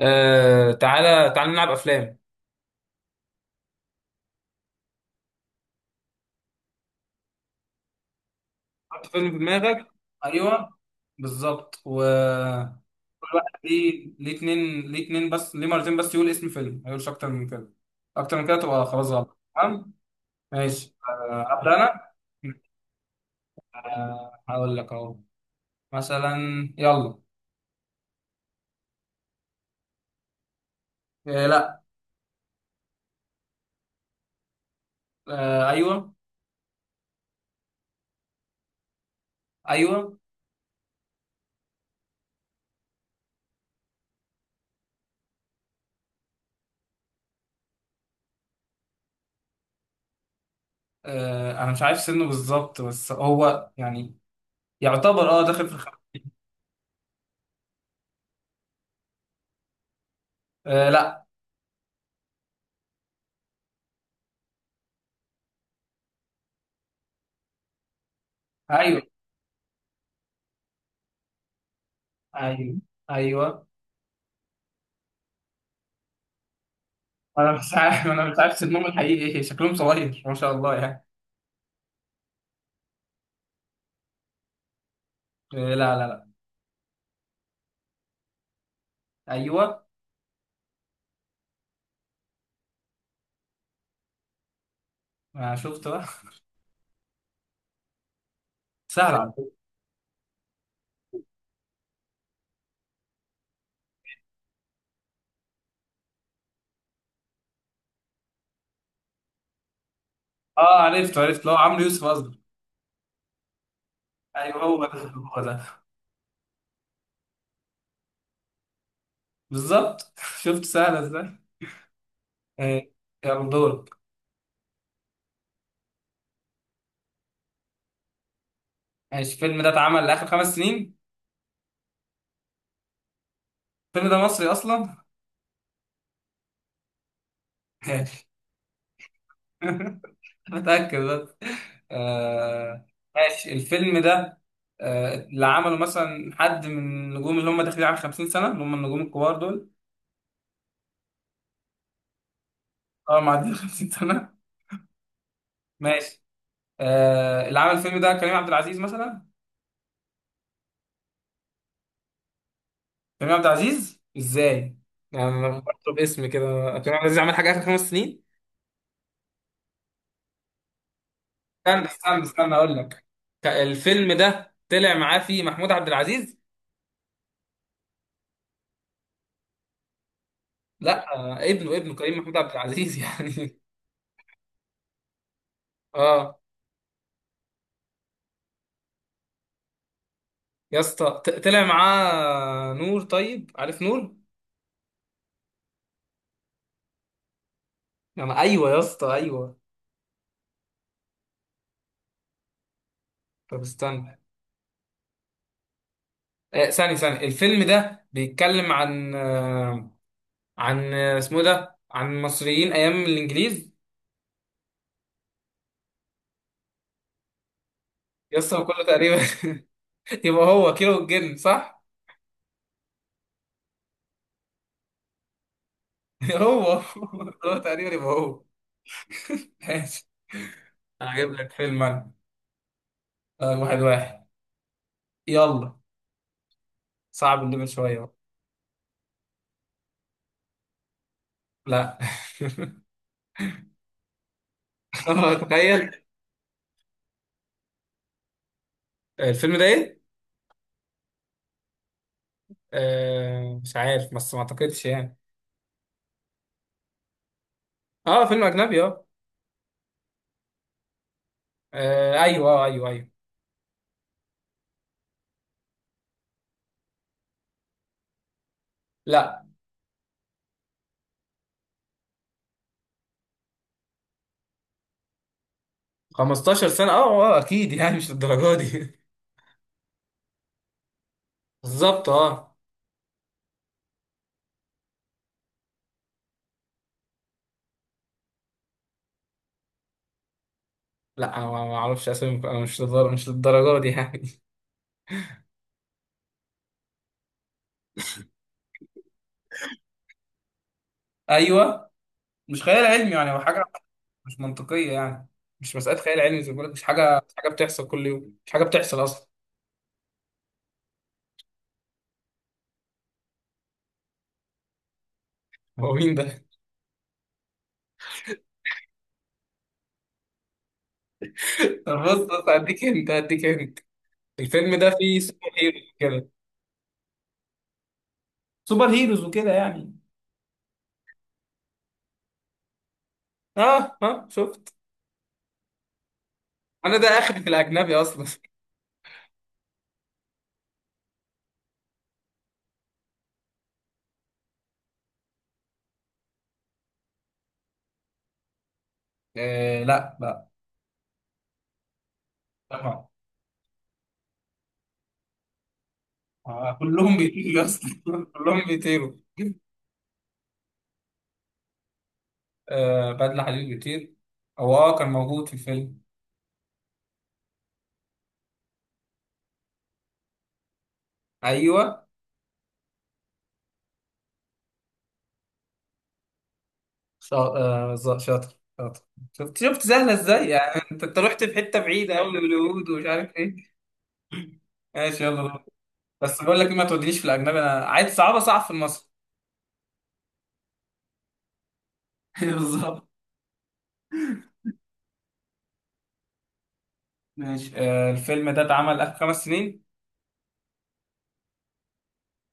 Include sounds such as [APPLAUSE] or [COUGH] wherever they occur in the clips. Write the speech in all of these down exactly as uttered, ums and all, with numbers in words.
آه، تعالى تعالى نلعب افلام. حط فيلم في دماغك. ايوه. بالظبط و. كل واحد ليه ليه اتنين، ليه اتنين، بس ليه مرتين بس يقول اسم فيلم، ما يقولش اكتر من كده. اكتر من كده تبقى خلاص غلط. تمام. ماشي. آه، ابدا انا. آه، هقول لك اهو. مثلا. يلا. آه، لا. آه، ايوه. ايوه. آه، انا مش عارف سنه بالظبط، بس هو يعني يعتبر اه داخل في الخ... آه، لا. ايوه، ايوه، ايوه. انا مش عارف انا مش عارف سنهم الحقيقي ايه، شكلهم صغير ما شاء الله يعني. إيه، لا، لا، لا. ايوه. ما شفت بقى. سهل على فكره. اه، عرفت عرفت، لو عمرو يوسف قصدي. ايوه، هو ده هو ده. بالظبط. [LAUGHS] شفت سهله ازاي. إيه. يلا دورك. ماشي، الفيلم ده اتعمل لاخر خمس سنين. الفيلم ده مصري اصلا. ماشي. [LAUGHS] متاكد بس. آه. ماشي، الفيلم ده آه، اللي عمله مثلا حد من النجوم اللي هم داخلين على خمسين سنة سنه، اللي هم النجوم الكبار دول. اه، معديين خمسين سنة سنه. ماشي. آه، اللي عمل الفيلم ده كريم عبد العزيز مثلا. كريم عبد العزيز ازاي؟ يعني أنا بطلب اسم كده. كريم عبد العزيز عمل حاجه اخر خمس سنين. استنى استنى استنى اقول لك. ك- الفيلم ده طلع معاه فيه محمود عبد العزيز. لا، آه، ابنه ابنه كريم محمود عبد العزيز [LAUGHS] يعني. اه. يا اسطى، ط- طلع معاه نور، طيب عارف نور؟ يعني ايوه يا اسطى، ايوه. طب استنى. آه، ثاني ثاني الفيلم ده بيتكلم عن آه، عن اسمه ده، عن المصريين ايام الانجليز. يس، هو كله تقريبا. [LAUGHS] يبقى هو كيلو الجن، صح؟ [LAUGHS] هو. هو تقريبا يبقى هو. ماشي. انا هجيب لك فيلم انا. آه، واحد واحد. يلا. صعب الليفل شويه بقى. لا. [LAUGHS] اه، تخيل. الفيلم ده ايه؟ آه، مش عارف بس ما اعتقدش يعني. اه، فيلم اجنبي، اه. آه، ايوه، اه، ايوه، ايوه. لا. خمستاشر سنة سنه، اه، اه، اكيد يعني مش للدرجه دي. [LAUGHS] بالظبط، اه. لا، أنا ما ما اعرفش اسامي، أنا مش للدرجه مش للدرجه دي يعني. [LAUGHS] ايوه. مش خيال علمي يعني، هو حاجه مش منطقيه يعني. مش مساله خيال علمي، زي ما بقول لك، مش حاجه مش حاجه بتحصل كل يوم، مش حاجه بتحصل اصلا. هو مين ده؟ [LAUGHS] طب، بص بص، هديك انت هديك انت. الفيلم ده فيه سوبر هيروز كده. سوبر هيروز وكده يعني. اه، اه، شفت. انا ده اخر في الاجنبي اصلا. [LAUGHS] آه، لا، لا. طبعا. آه، كلهم بيطيروا يا اسطى. [LAUGHS] كلهم بيطيروا. آه، بدلة حديد بيطير. هو اه كان موجود في الفيلم. ايوه. شا... آه ز- شاطر شاطر. شفت شفت سهله ازاي، يعني انت انت رحت في حته بعيده قوي باليهود ومش عارف ايه. ماشي، يلا دور. بس بقول لك إيه، ما تودينيش في الاجنبي، انا عايز صعبه، صعب في المصري. [LAUGHS] بالظبط. ماشي، آه، الفيلم ده اتعمل اخر خمس سنين.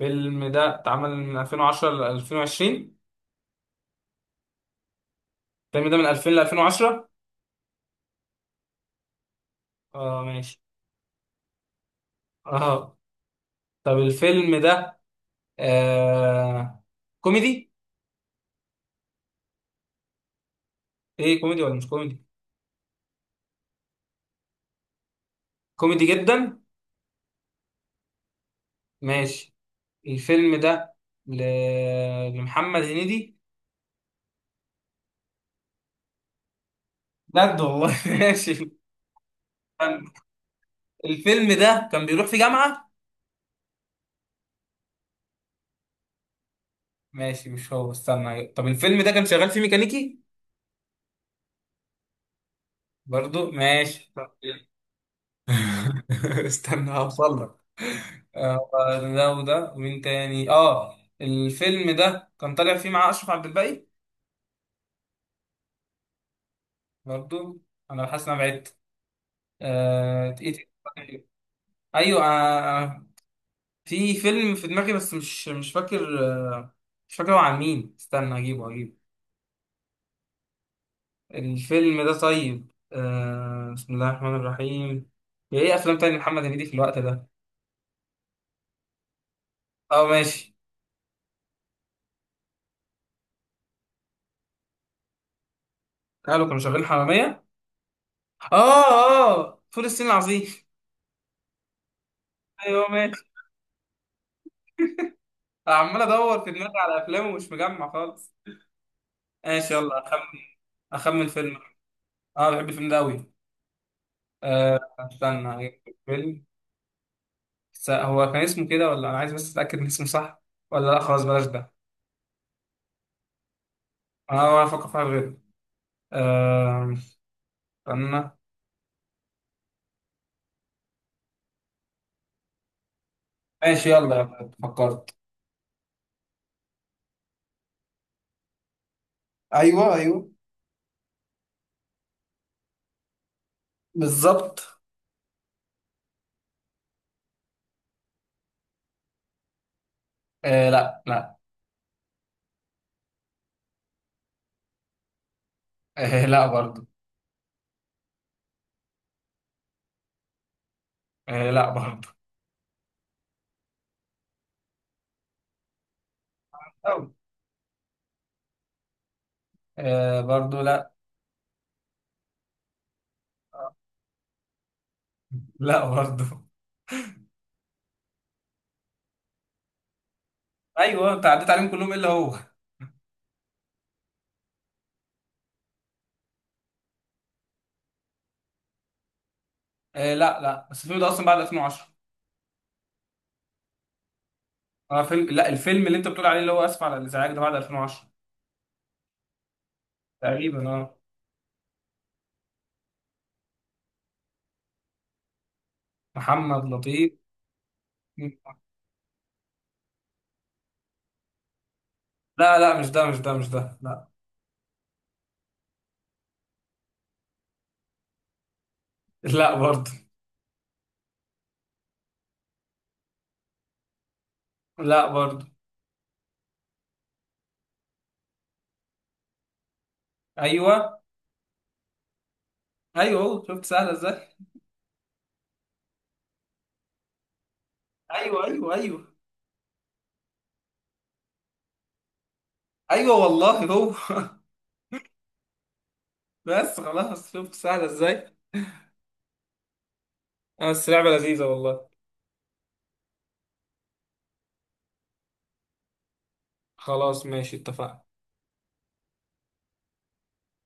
الفيلم ده اتعمل من ألفين وعشرة ل ألفين وعشرين. الفيلم ده من ألفين ل ألفين وعشرة. اه، ماشي. اه، طب الفيلم ده آه كوميدي. ايه، كوميدي ولا مش كوميدي؟ كوميدي جدا. ماشي. الفيلم ده ل... لمحمد هنيدي. بجد والله. [LAUGHS] ماشي. الفيلم ده كان بيروح في جامعة. ماشي، مش هو. استنى، طب الفيلم ده كان شغال فيه ميكانيكي. برضو ماشي، طب. [LAUGHS] استنى هوصل لك. آه، ده وده ومين تاني، اه الفيلم ده كان طالع فيه مع اشرف عبد الباقي. برضو. انا حاسس ان انا بعدت. آه... إيه؟ تاني؟ ايوه. آه... آه. في فيلم في دماغي، بس مش مش فاكر. آه، مش فاكر هو عن مين. استنى اجيبه اجيبه. الفيلم ده طيب. آه، بسم الله الرحمن الرحيم. يا، ايه افلام تاني محمد هنيدي في الوقت ده؟ اه، ماشي. قالوا كانوا شغالين حرامية. اه. اه، فول الصين العظيم. ايوه، ماشي. عمال ادور في دماغي على افلامه ومش مجمع خالص. ماشي، يلا اخمن. اخمن فيلم. اه، بحب الفيلم ده قوي. آه، استنى أجيب فيلم. س- هو كان اسمه كده؟ ولا انا عايز بس اتاكد ان اسمه صح. ولا، لا، خلاص بلاش ده. اه، ولا افكر فيها غير. آه، استنى. ماشي، يلا يلا فكرت. ايوه، ايوه. بالظبط. آه، لا، لا. آه، لا، برضو. آه، لا، برضو. أو. آه، برضو، لا. لا، برضو. ايوه، انت عديت عليهم كلهم الا هو. آه، لا، لا، بس الفيلم ده اصلا بعد ألفين وعشرة. اه، فيلم لا الفيلم اللي انت بتقول عليه، اللي هو اسف على الازعاج ده، بعد ألفين وعشرة. تقريبا، اه. محمد لطيف. لا، لا، مش ده مش ده مش ده، لا. لا، برضو. لا، برضو. ايوه. ايوه، شفت سهله ازاي. ايوه، ايوه، ايوه. ايوه والله هو. [LAUGHS] بس خلاص، شفت سهله ازاي. آه، بس لعبه لذيذه والله. خلاص ماشي، اتفقنا.